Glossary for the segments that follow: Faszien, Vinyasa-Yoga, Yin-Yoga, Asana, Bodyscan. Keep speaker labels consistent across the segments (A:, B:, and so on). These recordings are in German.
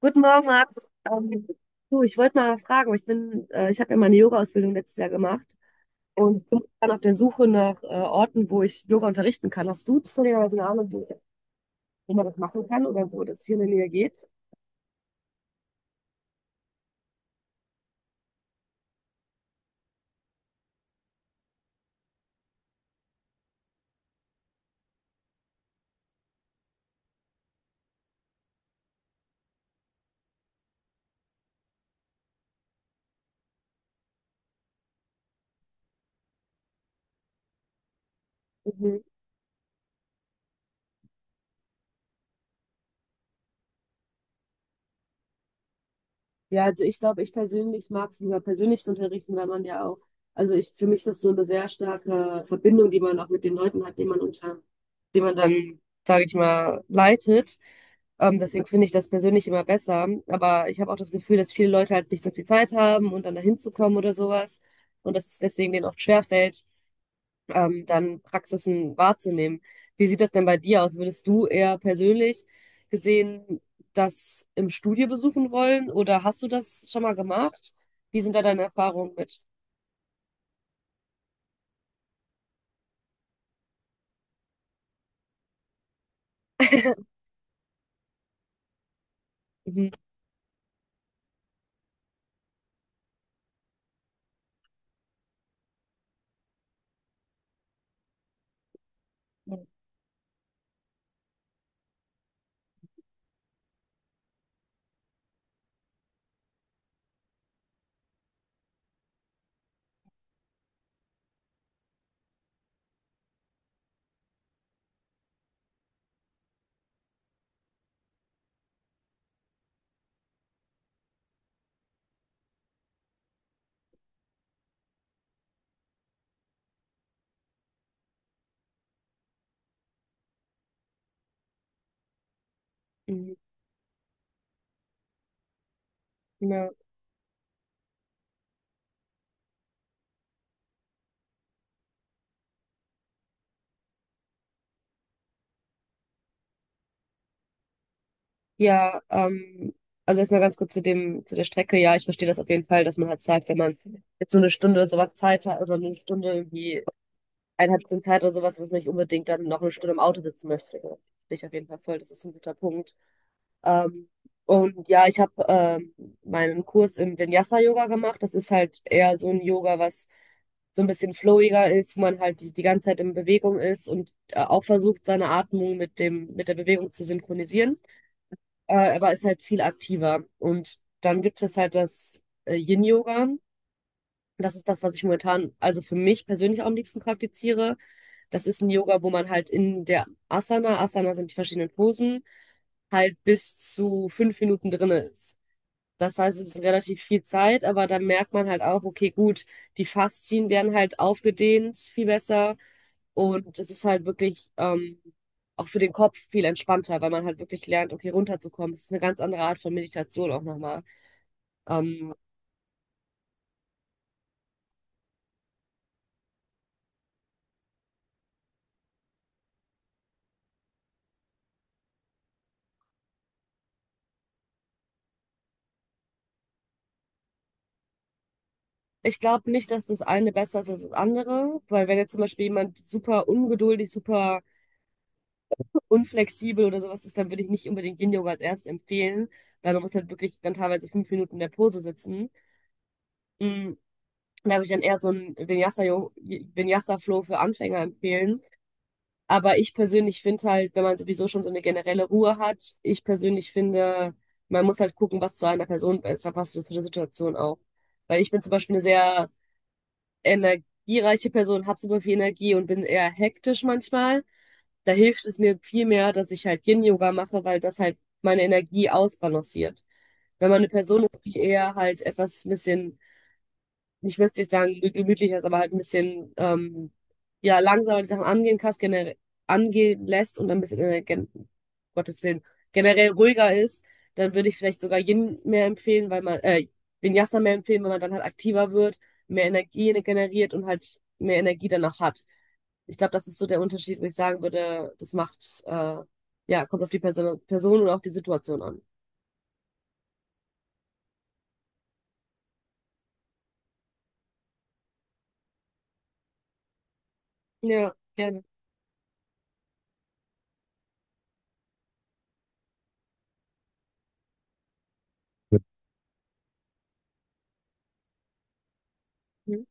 A: Guten Morgen, Max. Ähm, Du, ich wollte mal fragen, ich habe ja meine Yoga-Ausbildung letztes Jahr gemacht und bin dann auf der Suche nach Orten, wo ich Yoga unterrichten kann. Hast du zufälligerweise eine Ahnung, wo man das machen kann oder wo das hier in der Nähe geht? Mhm. Ja, also ich glaube, ich persönlich mag es lieber persönlich zu unterrichten, weil man ja auch, also ich, für mich ist das so eine sehr starke Verbindung, die man auch mit den Leuten hat, die man dann, sage ich mal, leitet. Deswegen finde ich das persönlich immer besser. Aber ich habe auch das Gefühl, dass viele Leute halt nicht so viel Zeit haben und dann dahin zu kommen oder sowas. Und dass es deswegen denen oft schwerfällt, dann Praxisen wahrzunehmen. Wie sieht das denn bei dir aus? Würdest du eher persönlich gesehen das im Studio besuchen wollen oder hast du das schon mal gemacht? Wie sind da deine Erfahrungen mit? Mhm. Mhm. Ja, ja, also erstmal ganz kurz zu dem, zu der Strecke. Ja, ich verstehe das auf jeden Fall, dass man halt sagt, wenn man jetzt so eine Stunde oder sowas Zeit hat oder eine Stunde irgendwie 1,5 Stunden Zeit oder sowas, dass man nicht unbedingt dann noch eine Stunde im Auto sitzen möchte. Ja, verstehe ich auf jeden Fall voll. Das ist ein guter Punkt. Ähm, und ja, ich habe meinen Kurs im Vinyasa-Yoga gemacht. Das ist halt eher so ein Yoga, was so ein bisschen flowiger ist, wo man halt die ganze Zeit in Bewegung ist und auch versucht, seine Atmung mit der Bewegung zu synchronisieren, aber ist halt viel aktiver. Und dann gibt es halt das Yin-Yoga. Das ist das, was ich momentan, also für mich persönlich auch am liebsten praktiziere. Das ist ein Yoga, wo man halt in der Asana, Asana sind die verschiedenen Posen, halt bis zu 5 Minuten drin ist. Das heißt, es ist relativ viel Zeit, aber dann merkt man halt auch, okay, gut, die Faszien werden halt aufgedehnt, viel besser. Und es ist halt wirklich auch für den Kopf viel entspannter, weil man halt wirklich lernt, okay, runterzukommen. Es ist eine ganz andere Art von Meditation auch nochmal. Ähm, Ich glaube nicht, dass das eine besser ist als das andere, weil wenn jetzt zum Beispiel jemand super ungeduldig, super unflexibel oder sowas ist, dann würde ich nicht unbedingt Yin-Yoga als erstes empfehlen, weil man muss halt wirklich dann teilweise 5 Minuten in der Pose sitzen. Mm, Da würde ich dann eher so einen Vinyasa-Flow für Anfänger empfehlen. Aber ich persönlich finde halt, wenn man sowieso schon so eine generelle Ruhe hat, ich persönlich finde, man muss halt gucken, was zu einer Person besser passt oder zu der Situation auch. Weil ich bin zum Beispiel eine sehr energiereiche Person, habe super viel Energie und bin eher hektisch manchmal. Da hilft es mir viel mehr, dass ich halt Yin-Yoga mache, weil das halt meine Energie ausbalanciert. Wenn man eine Person ist, die eher halt etwas ein bisschen, ich will jetzt nicht sagen, gemütlicher ist, aber halt ein bisschen ja, langsamer die Sachen angehen kannst, generell angehen lässt und ein bisschen, gen Gottes Willen, generell ruhiger ist, dann würde ich vielleicht sogar Yin mehr empfehlen, weil man, Vinyasa mehr empfehlen, weil man dann halt aktiver wird, mehr Energie generiert und halt mehr Energie danach hat. Ich glaube, das ist so der Unterschied, wo ich sagen würde, das macht, ja, kommt auf die Person und auch die Situation an. Ja, gerne. Mhm.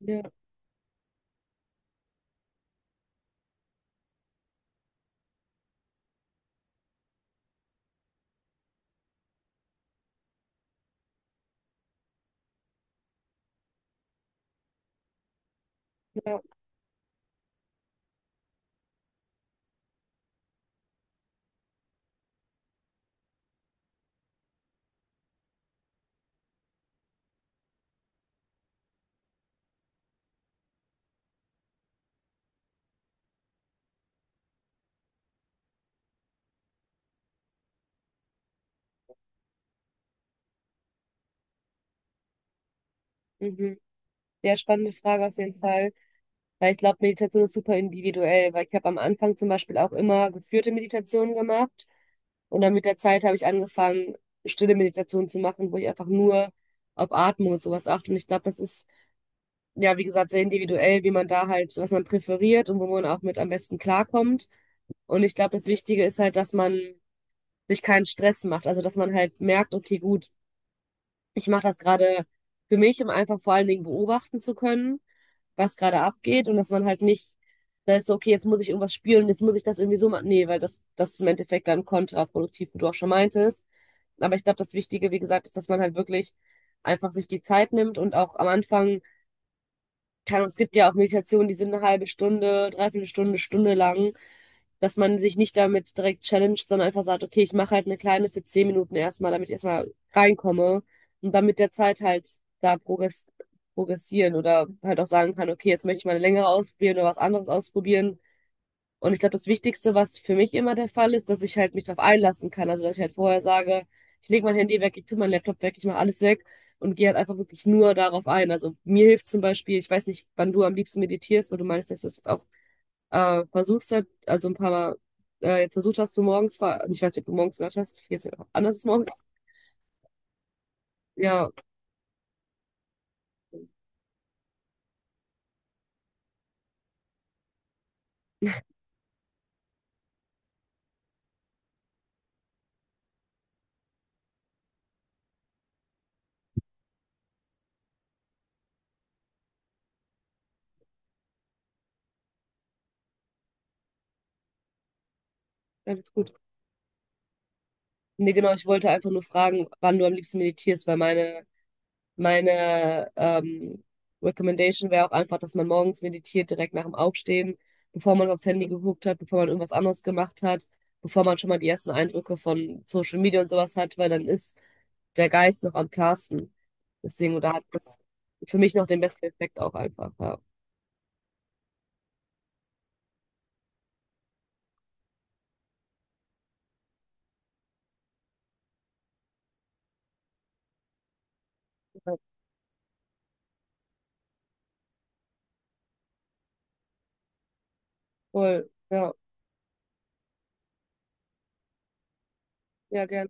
A: Ja, ja. Mhm. Ja, spannende Frage auf jeden Fall. Weil ich glaube, Meditation ist super individuell, weil ich habe am Anfang zum Beispiel auch immer geführte Meditationen gemacht und dann mit der Zeit habe ich angefangen, stille Meditationen zu machen, wo ich einfach nur auf Atmung und sowas achte. Und ich glaube, das ist, ja, wie gesagt, sehr individuell, wie man da halt, was man präferiert und wo man auch mit am besten klarkommt. Und ich glaube, das Wichtige ist halt, dass man sich keinen Stress macht. Also, dass man halt merkt, okay, gut, ich mache das gerade für mich, um einfach vor allen Dingen beobachten zu können, was gerade abgeht und dass man halt nicht, da ist so, okay, jetzt muss ich irgendwas spielen, jetzt muss ich das irgendwie so machen. Nee, weil das ist im Endeffekt dann kontraproduktiv, wie du auch schon meintest. Aber ich glaube, das Wichtige, wie gesagt, ist, dass man halt wirklich einfach sich die Zeit nimmt und auch am Anfang, keine Ahnung, es gibt ja auch Meditationen, die sind eine halbe Stunde, dreiviertel Stunde, Stunde lang, dass man sich nicht damit direkt challenged, sondern einfach sagt, okay, ich mache halt eine kleine für 10 Minuten erstmal, damit ich erstmal reinkomme und dann mit der Zeit halt da progressieren oder halt auch sagen kann, okay, jetzt möchte ich mal eine längere ausprobieren oder was anderes ausprobieren. Und ich glaube, das Wichtigste, was für mich immer der Fall ist, dass ich halt mich darauf einlassen kann. Also, dass ich halt vorher sage, ich lege mein Handy weg, ich tue meinen Laptop weg, ich mache alles weg und gehe halt einfach wirklich nur darauf ein. Also mir hilft zum Beispiel, ich weiß nicht, wann du am liebsten meditierst, weil du meinst, dass du es auch versuchst halt, also ein paar Mal, jetzt versucht hast du morgens, ich weiß nicht, ob du morgens gehört hast, hier ist ja anders morgens. Ja, alles gut. Nee, genau, ich wollte einfach nur fragen, wann du am liebsten meditierst, weil meine, meine Recommendation wäre auch einfach, dass man morgens meditiert, direkt nach dem Aufstehen, bevor man aufs Handy geguckt hat, bevor man irgendwas anderes gemacht hat, bevor man schon mal die ersten Eindrücke von Social Media und sowas hat, weil dann ist der Geist noch am klarsten. Deswegen, oder hat das für mich noch den besten Effekt auch einfach, ja. Voll, ja, ja, gerne.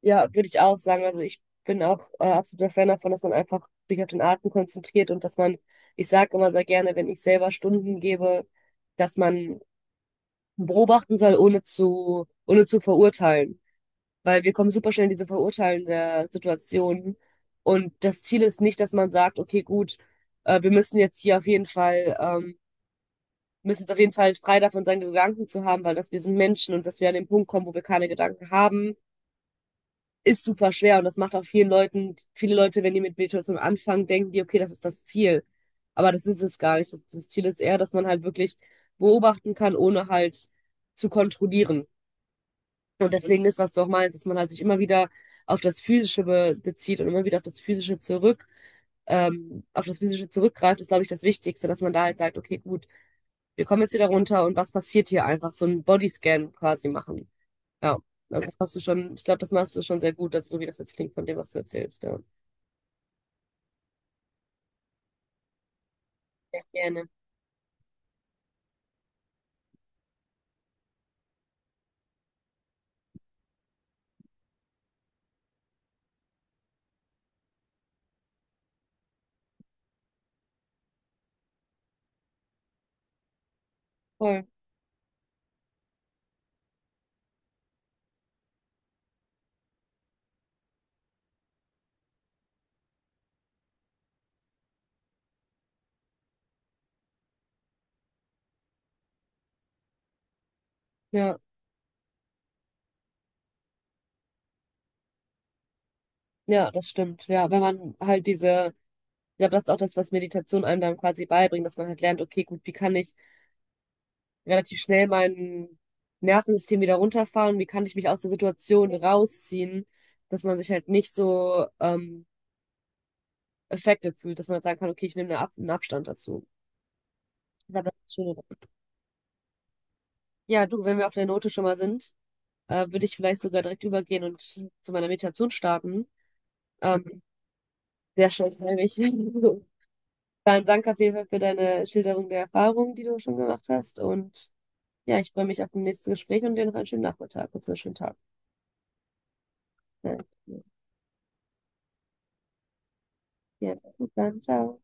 A: Ja, würde ich auch sagen. Also ich bin auch absoluter Fan davon, dass man einfach sich auf den Atem konzentriert und dass man, ich sage immer sehr gerne, wenn ich selber Stunden gebe, dass man beobachten soll, ohne zu verurteilen. Weil wir kommen super schnell in diese verurteilende Situation. Und das Ziel ist nicht, dass man sagt, okay, gut, wir müssen jetzt hier auf jeden Fall, müssen jetzt auf jeden Fall frei davon sein, Gedanken zu haben, weil dass wir sind Menschen und dass wir an den Punkt kommen, wo wir keine Gedanken haben, ist super schwer und das macht auch vielen Leuten, viele Leute, wenn die mit Meditation anfangen, denken die, okay, das ist das Ziel. Aber das ist es gar nicht. Das Ziel ist eher, dass man halt wirklich beobachten kann, ohne halt zu kontrollieren. Und deswegen ist, was du auch meinst, dass man halt sich immer wieder auf das Physische be bezieht und immer wieder auf das Physische zurück, auf das Physische zurückgreift, ist, glaube ich, das Wichtigste, dass man da halt sagt, okay, gut, wir kommen jetzt wieder runter und was passiert hier einfach? So einen Bodyscan quasi machen. Ja, also das hast du schon, ich glaube, das machst du schon sehr gut, also so wie das jetzt klingt von dem, was du erzählst, ja. Ja, gerne. Voll. Ja, ja, das stimmt. Ja, wenn man halt diese, ich glaube, das ist auch das, was Meditation einem dann quasi beibringt, dass man halt lernt, okay, gut, wie kann ich relativ schnell mein Nervensystem wieder runterfahren, wie kann ich mich aus der Situation rausziehen, dass man sich halt nicht so affected fühlt, dass man halt sagen kann, okay, ich nehme einen Abstand dazu. Ich glaube, das ist schon. Ja, du, wenn wir auf der Note schon mal sind, würde ich vielleicht sogar direkt übergehen und zu meiner Meditation starten. Ähm, Sehr schön, nämlich. Vielen Dank auf jeden Fall für deine Schilderung der Erfahrungen, die du schon gemacht hast. Und ja, ich freue mich auf das nächste Gespräch und dir noch einen schönen Nachmittag und einen schönen Tag. Ja, ja, bis dann, ciao.